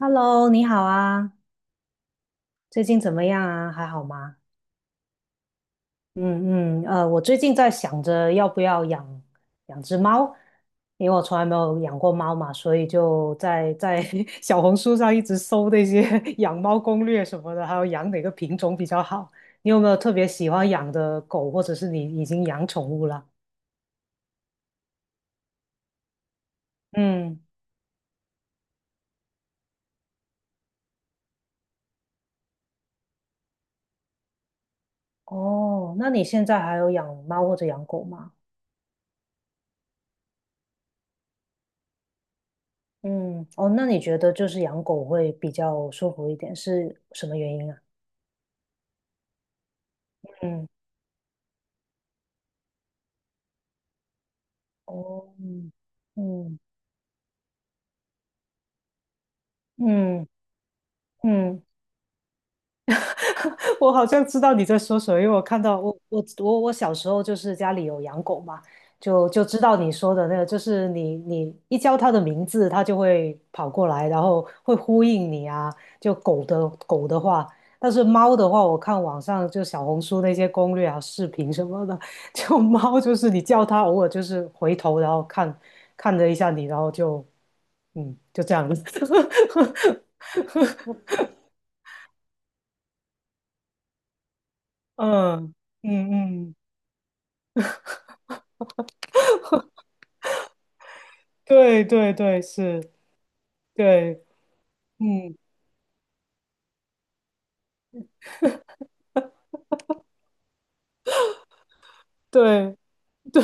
Hello，你好啊，最近怎么样啊？还好吗？嗯嗯，我最近在想着要不要养养只猫，因为我从来没有养过猫嘛，所以就在 小红书上一直搜那些 养猫攻略什么的，还有养哪个品种比较好。你有没有特别喜欢养的狗，或者是你已经养宠物了？嗯，哦，那你现在还有养猫或者养狗吗？嗯，哦，那你觉得就是养狗会比较舒服一点，是什么原因啊？嗯，哦，嗯嗯嗯，我好像知道你在说什么，因为我看到我小时候就是家里有养狗嘛，就知道你说的那个，就是你一叫它的名字，它就会跑过来，然后会呼应你啊。就狗的话，但是猫的话，我看网上就小红书那些攻略啊、视频什么的，就猫就是你叫它，偶尔就是回头，然后看了一下你，然后就这样子。嗯嗯嗯，对对对，是，对，嗯，对对，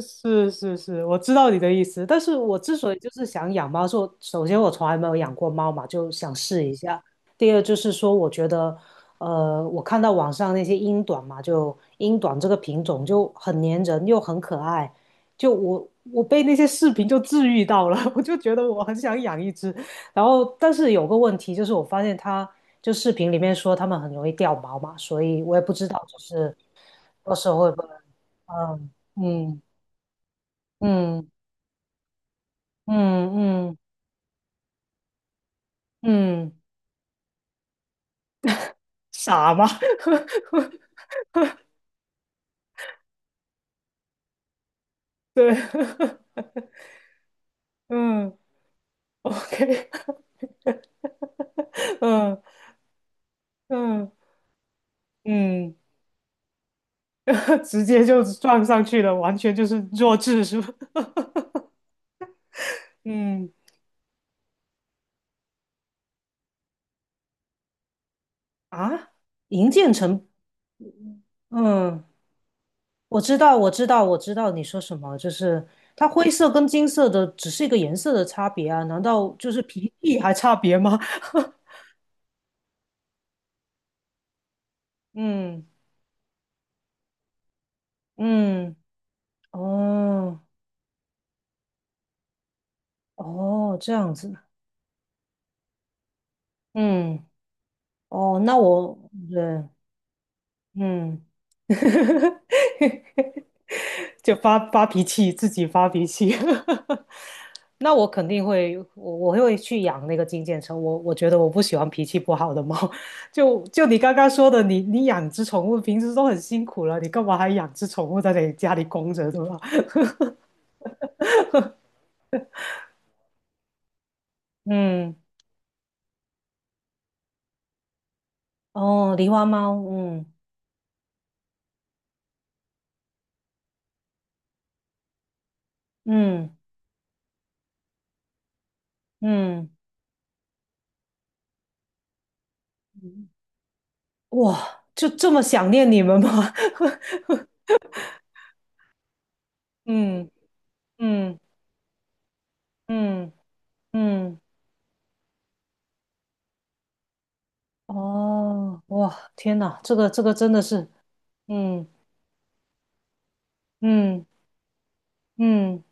是是是，我知道你的意思，但是我之所以就是想养猫，是我首先我从来没有养过猫嘛，就想试一下。第二就是说，我觉得，我看到网上那些英短嘛，就英短这个品种就很粘人又很可爱，就我被那些视频就治愈到了，我就觉得我很想养一只。然后，但是有个问题就是，我发现它就视频里面说它们很容易掉毛嘛，所以我也不知道就是到时候会不会，嗯。嗯，嗯嗯嗯嗯，傻吗？对，嗯，OK，嗯嗯嗯，直接就撞上去了，完全就是弱智，是吧？嗯，啊，银渐层，嗯，我知道，我知道，我知道你说什么，就是它灰色跟金色的只是一个颜色的差别啊，难道就是皮肤还差别吗？嗯嗯，哦哦，这样子，嗯。哦，那我对，嗯，就发发脾气，自己发脾气。那我肯定会，我会去养那个金渐层。我觉得我不喜欢脾气不好的猫。就你刚刚说的，你养只宠物，平时都很辛苦了，你干嘛还养只宠物在你家里供着，对吧？嗯，哦，狸花猫，嗯嗯嗯，嗯，哇，就这么想念你们吗？嗯嗯嗯嗯。哦，哇，天哪，这个真的是，嗯嗯嗯，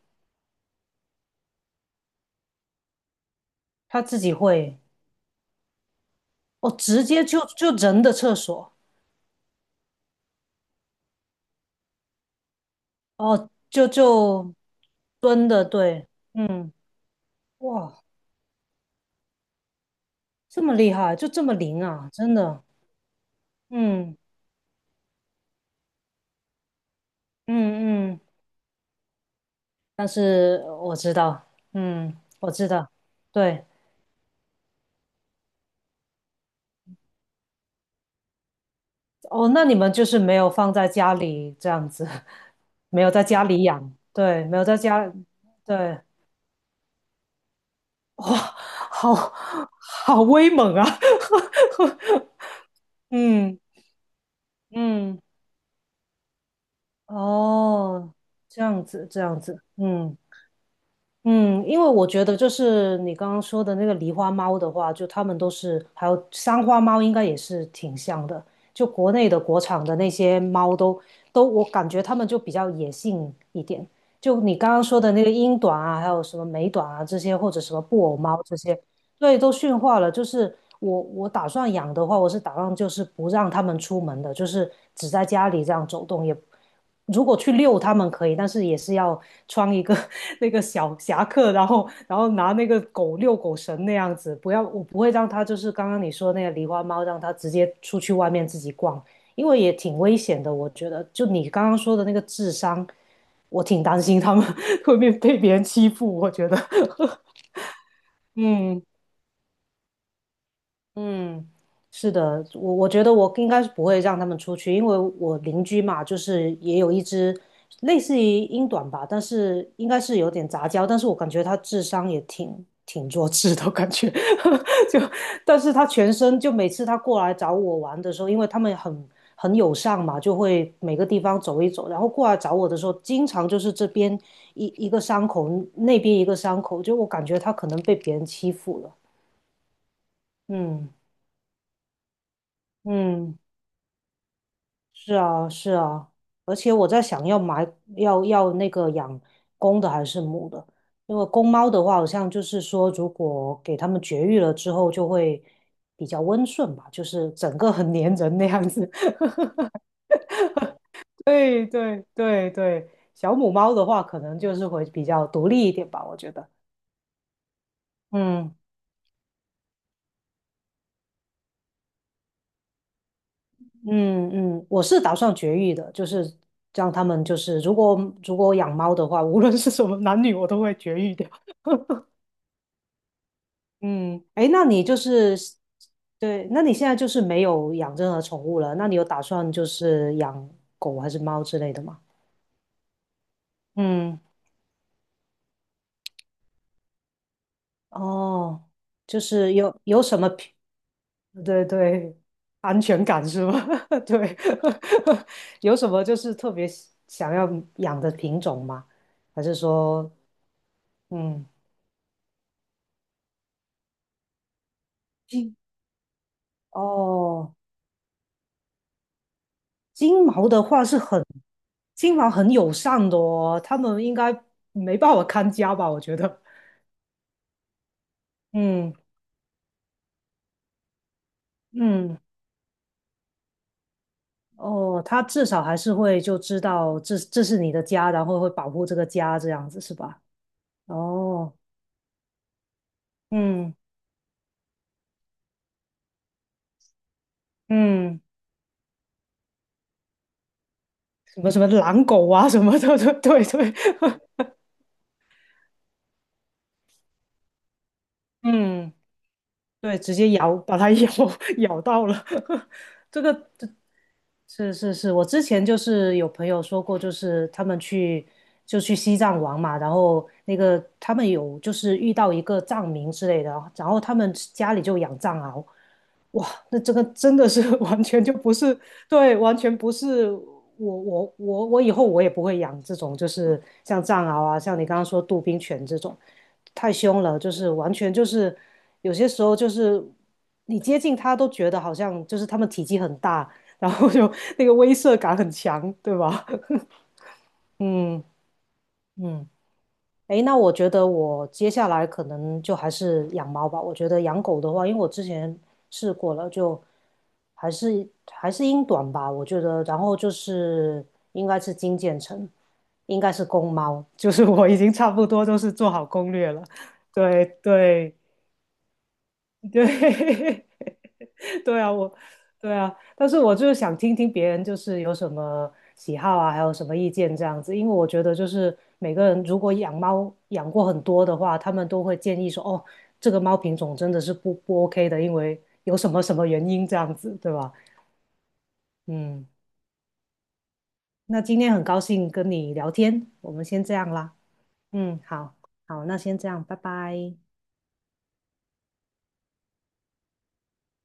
他自己会，哦，直接就人的厕所，哦，就蹲的，对，嗯，哇，这么厉害，就这么灵啊，真的，嗯嗯嗯，但是我知道，嗯，我知道，对，哦，那你们就是没有放在家里这样子，没有在家里养，对，没有在家，对，哇，好威猛啊！嗯嗯，哦，这样子这样子，嗯嗯，因为我觉得就是你刚刚说的那个狸花猫的话，就它们都是，还有三花猫应该也是挺像的，就国内的国产的那些猫都，我感觉它们就比较野性一点。就你刚刚说的那个英短啊，还有什么美短啊这些，或者什么布偶猫这些，对，都驯化了。就是我打算养的话，我是打算就是不让它们出门的，就是只在家里这样走动。也如果去遛它们可以，但是也是要穿一个 那个小夹克，然后拿那个遛狗绳那样子。不要，我不会让它就是刚刚你说那个狸花猫，让它直接出去外面自己逛，因为也挺危险的。我觉得，就你刚刚说的那个智商，我挺担心它们 会被别人欺负。我觉得，嗯。嗯，是的，我觉得我应该是不会让他们出去，因为我邻居嘛，就是也有一只类似于英短吧，但是应该是有点杂交，但是我感觉它智商也挺弱智的感觉，就但是它全身就每次它过来找我玩的时候，因为他们很友善嘛，就会每个地方走一走，然后过来找我的时候，经常就是这边一个伤口，那边一个伤口，就我感觉它可能被别人欺负了，嗯嗯。是啊，是啊，而且我在想要买要要那个养公的还是母的，因为公猫的话，好像就是说，如果给它们绝育了之后，就会比较温顺吧，就是整个很粘人那样子。对对对对，小母猫的话，可能就是会比较独立一点吧，我觉得。嗯嗯嗯，我是打算绝育的，就是让它们就是，如果养猫的话，无论是什么男女，我都会绝育掉。嗯，哎，那你就是，对，那你现在就是没有养任何宠物了？那你有打算就是养狗还是猫之类的吗？嗯，哦，就是有什么偏，对对，安全感是吗？对，有什么就是特别喜想要养的品种吗？还是说，嗯，金哦，金毛的话是很，金毛很友善的哦，它们应该没办法看家吧？我觉得。嗯嗯，哦，他至少还是会就知道这是你的家，然后会保护这个家这样子是吧？哦，嗯嗯，什么什么狼狗啊什么的，对对对，嗯，对，直接咬把它咬 咬到了，这个是是是，我之前就是有朋友说过，就是他们就去西藏玩嘛，然后那个他们有就是遇到一个藏民之类的，然后他们家里就养藏獒。哇，那这个真的是 完全就不是，对，完全不是我以后我也不会养这种，就是像藏獒啊，像你刚刚说杜宾犬这种，太凶了，就是完全就是有些时候就是你接近它都觉得好像就是它们体积很大，然后就 那个威慑感很强，对吧？嗯嗯。诶，那我觉得我接下来可能就还是养猫吧。我觉得养狗的话，因为我之前试过了，就还是英短吧。我觉得，然后就是应该是金渐层，应该是公猫，就是我已经差不多都是做好攻略了。对对对，对啊，我，对啊，但是我就是想听听别人就是有什么喜好啊，还有什么意见这样子，因为我觉得就是每个人如果养猫养过很多的话，他们都会建议说，哦，这个猫品种真的是不 OK 的，因为有什么什么原因这样子，对吧？嗯，那今天很高兴跟你聊天，我们先这样啦。嗯，好，好，那先这样，拜拜。